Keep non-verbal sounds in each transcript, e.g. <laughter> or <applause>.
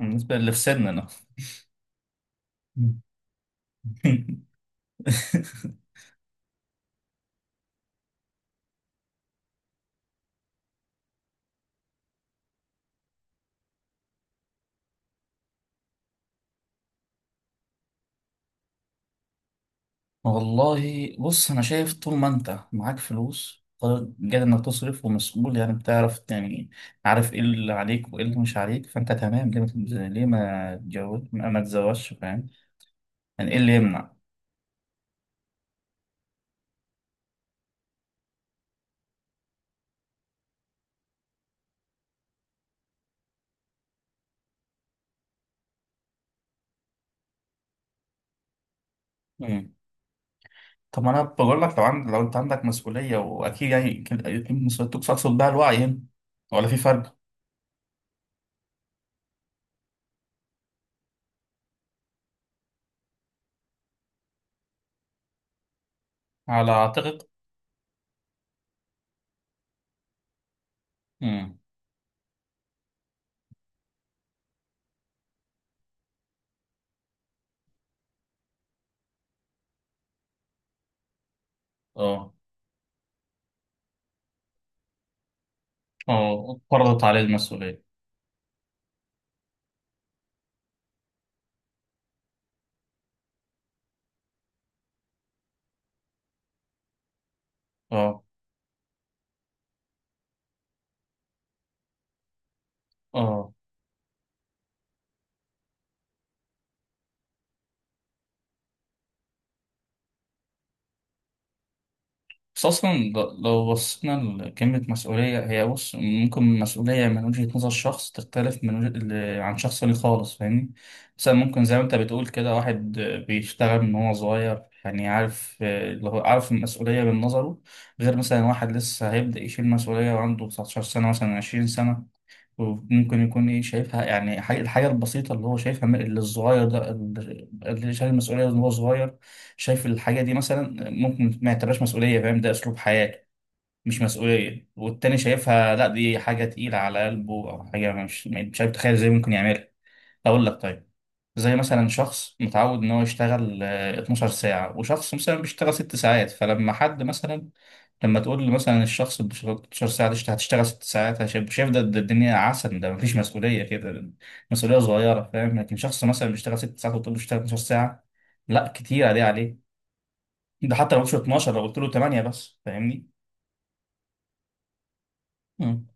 بالنسبة اللي في سننا. <laughs> والله بص، أنا شايف طول ما أنت معاك فلوس قادر إنك تصرف ومسؤول، يعني بتعرف، يعني عارف إيه اللي عليك وإيه اللي مش عليك، فأنت تمام. ليه ما تتز- ليه ما تتجوز، ما تتزوجش؟ فاهم يعني إيه اللي يمنع؟ مم. طب ما أنا بقول لك، لو أنت عندك مسؤولية، وأكيد يعني أكيد مسؤوليتك تقصد بها الوعي هنا ولا في فرق؟ على أعتقد. مم. أه. أه، فرضت عليه المسؤولية. أه. أه، بس أصلا لو بصينا لكلمة مسؤولية، هي بص ممكن مسؤولية من وجهة نظر شخص تختلف من عن شخص ليه خالص، فاهمني؟ مثلا ممكن زي ما أنت بتقول كده، واحد بيشتغل من هو صغير، يعني عارف، اللي هو عارف المسؤولية من نظره. غير مثلا واحد لسه هيبدأ يشيل مسؤولية وعنده 19 سنة، مثلا 20 سنة، وممكن يكون ايه شايفها، يعني الحاجة البسيطة اللي هو شايفها اللي الصغير ده اللي شايل المسؤولية وان هو صغير، شايف الحاجة دي مثلا ممكن ما يعتبرهاش مسؤولية. فاهم، ده أسلوب حياة مش مسؤولية. والتاني شايفها لا دي حاجة تقيلة على قلبه، أو حاجة مش عارف تخيل ازاي ممكن يعملها. أقول لك طيب، زي مثلا شخص متعود ان هو يشتغل 12 ساعة، وشخص مثلا بيشتغل 6 ساعات، فلما حد مثلا، لما تقول لي مثلا الشخص ب 16 ساعة، دي هتشتغل ست ساعات، هشايف، شايف ده، ده الدنيا عسل، ده مفيش مسؤولية كده، مسؤولية صغيرة. فاهم، لكن شخص مثلا بيشتغل ست ساعات وتقول له اشتغل 12 ساعة، لا كتير دي عليه. ده حتى لو مش 12، لو قلت له 8 بس، فاهمني؟ مم.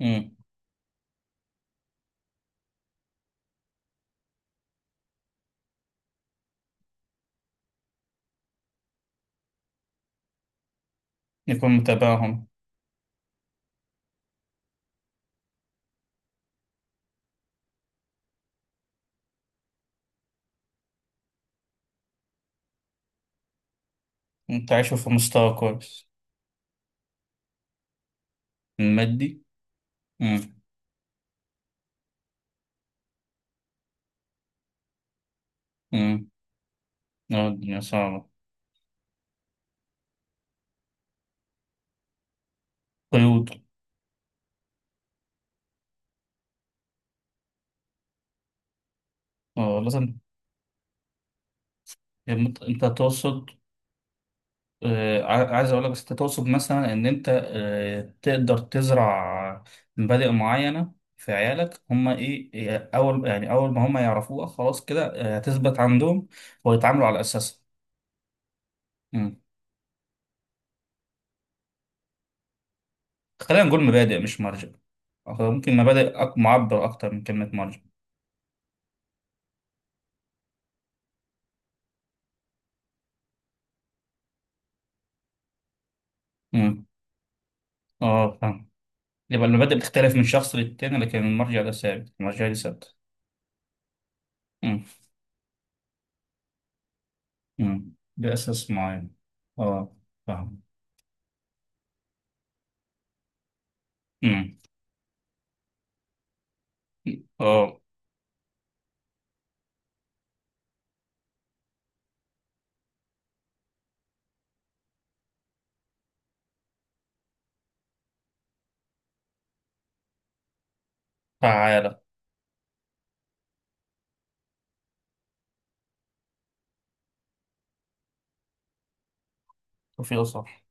مم. يكون متابعهم. تعيشوا في مستوى كويس. المادي. امم. امم. الدنيا صعبة. قيود. اه لازم. انت تقصد، عايز اقول لك، بس انت تقصد مثلا ان انت تقدر تزرع مبادئ معينه في عيالك، هم ايه إيه، اول يعني اول ما هم يعرفوها خلاص كده هتثبت عندهم، ويتعاملوا على اساسها. مم. خلينا نقول مبادئ مش مرجع، أو ممكن مبادئ معبر اكتر من كلمه مرجع. مم. اه فاهم. يبقى المبادئ بتختلف من شخص للتاني، لكن المرجع ده ثابت، المرجع ده ثابت. مم. مم. ده اساس معين. اه فاهم. مم. اه. تعالى. توفيق صح.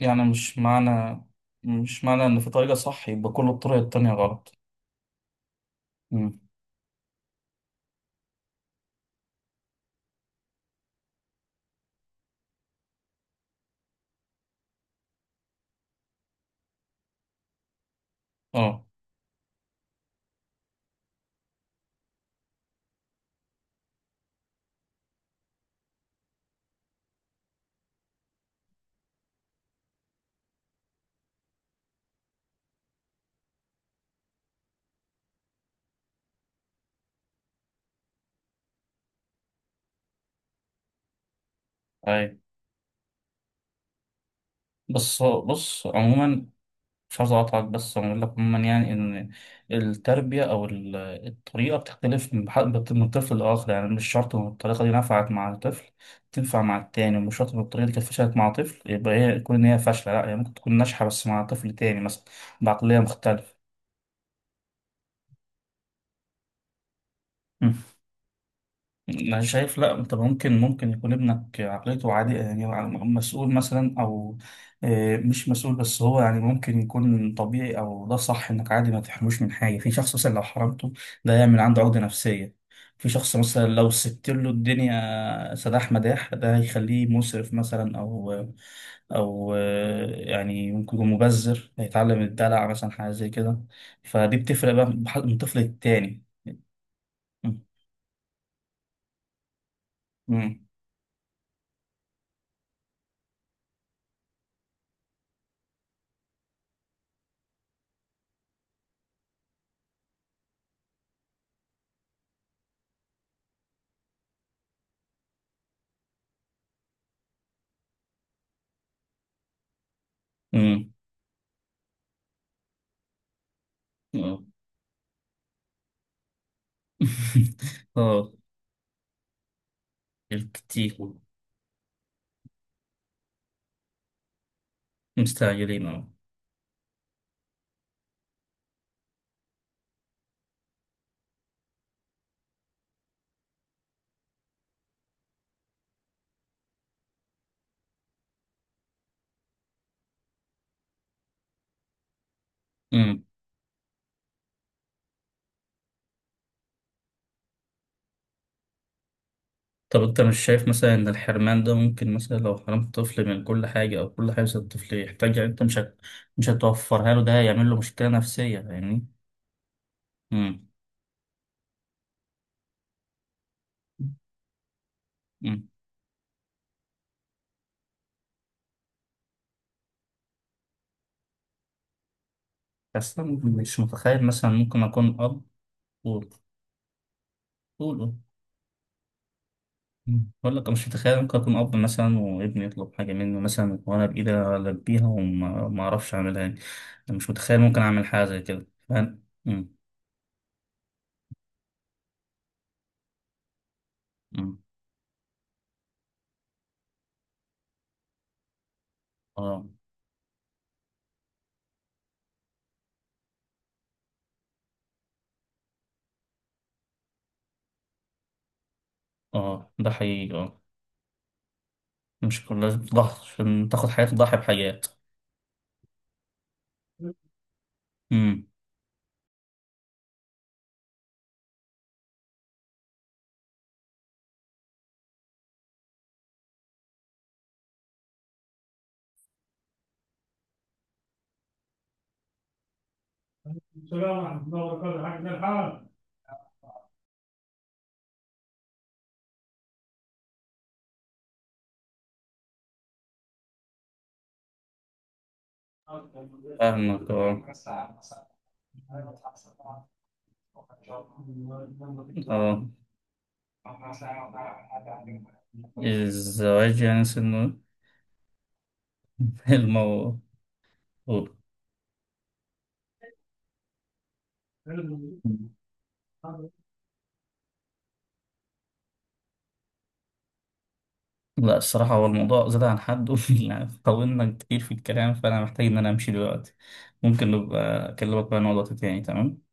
يعني مش معنى، مش معنى ان في طريقة صح يبقى كل الطرق التانية غلط. مم. اه. اي. بس بص عموما، مش عايز اقاطعك، بس اقول لك عموما يعني ان التربية او الطريقة بتختلف من طفل لاخر. يعني مش شرط ان الطريقة دي نفعت مع الطفل تنفع مع التاني، ومش شرط ان الطريقة دي كانت فشلت مع طفل يبقى هي تكون ان هي فاشلة، لا هي ممكن تكون ناجحة بس مع طفل تاني مثلا، بعقلية مختلفة. انا شايف لا، انت ممكن يكون ابنك عقليته عادية، يعني مسؤول مثلا، او مش مسؤول، بس هو يعني ممكن يكون طبيعي، او ده صح انك عادي ما تحرموش من حاجة. في شخص مثلا لو حرمته ده يعمل عنده عقدة نفسية، في شخص مثلا لو سبت له الدنيا سداح مداح ده هيخليه مسرف مثلا، او او يعني ممكن يكون مبذر، هيتعلم الدلع مثلا، حاجة زي كده. فدي بتفرق بقى من طفل للتاني. مم. مم. مم. <laughs> اه. كتير مستعجلين اه. أمم. طب انت مش شايف مثلا ان الحرمان ده ممكن مثلا لو حرمت الطفل من كل حاجة، او كل حاجة الطفل يحتاجها انت مش هت... مش هتوفرها له، ده هيعمل له مشكلة نفسية يعني. امم. أمم. بس انا مش متخيل مثلا ممكن اكون اب و- قول. أمم. بقول لك أنا مش متخيل ممكن اكون اب مثلا، وابني يطلب حاجة مني مثلا وانا بايدي البيها وما ما اعرفش اعملها يعني. أنا مش متخيل ممكن اعمل حاجة زي كده، فاهم؟ أمم. اه. اه ده حقيقي اه. مش كلها ضحى، عشان تاخد حياة تضحي بحياة. امم. فاهمك اه. اه. الزواج يعني سنه. <laughs> الموضوع. لا الصراحة هو الموضوع زاد عن حد. <laughs> يعني طولنا كتير في الكلام، فأنا محتاج إن أنا أمشي دلوقتي. ممكن نبقى أكلمك بقى عن موضوع تاني، تمام.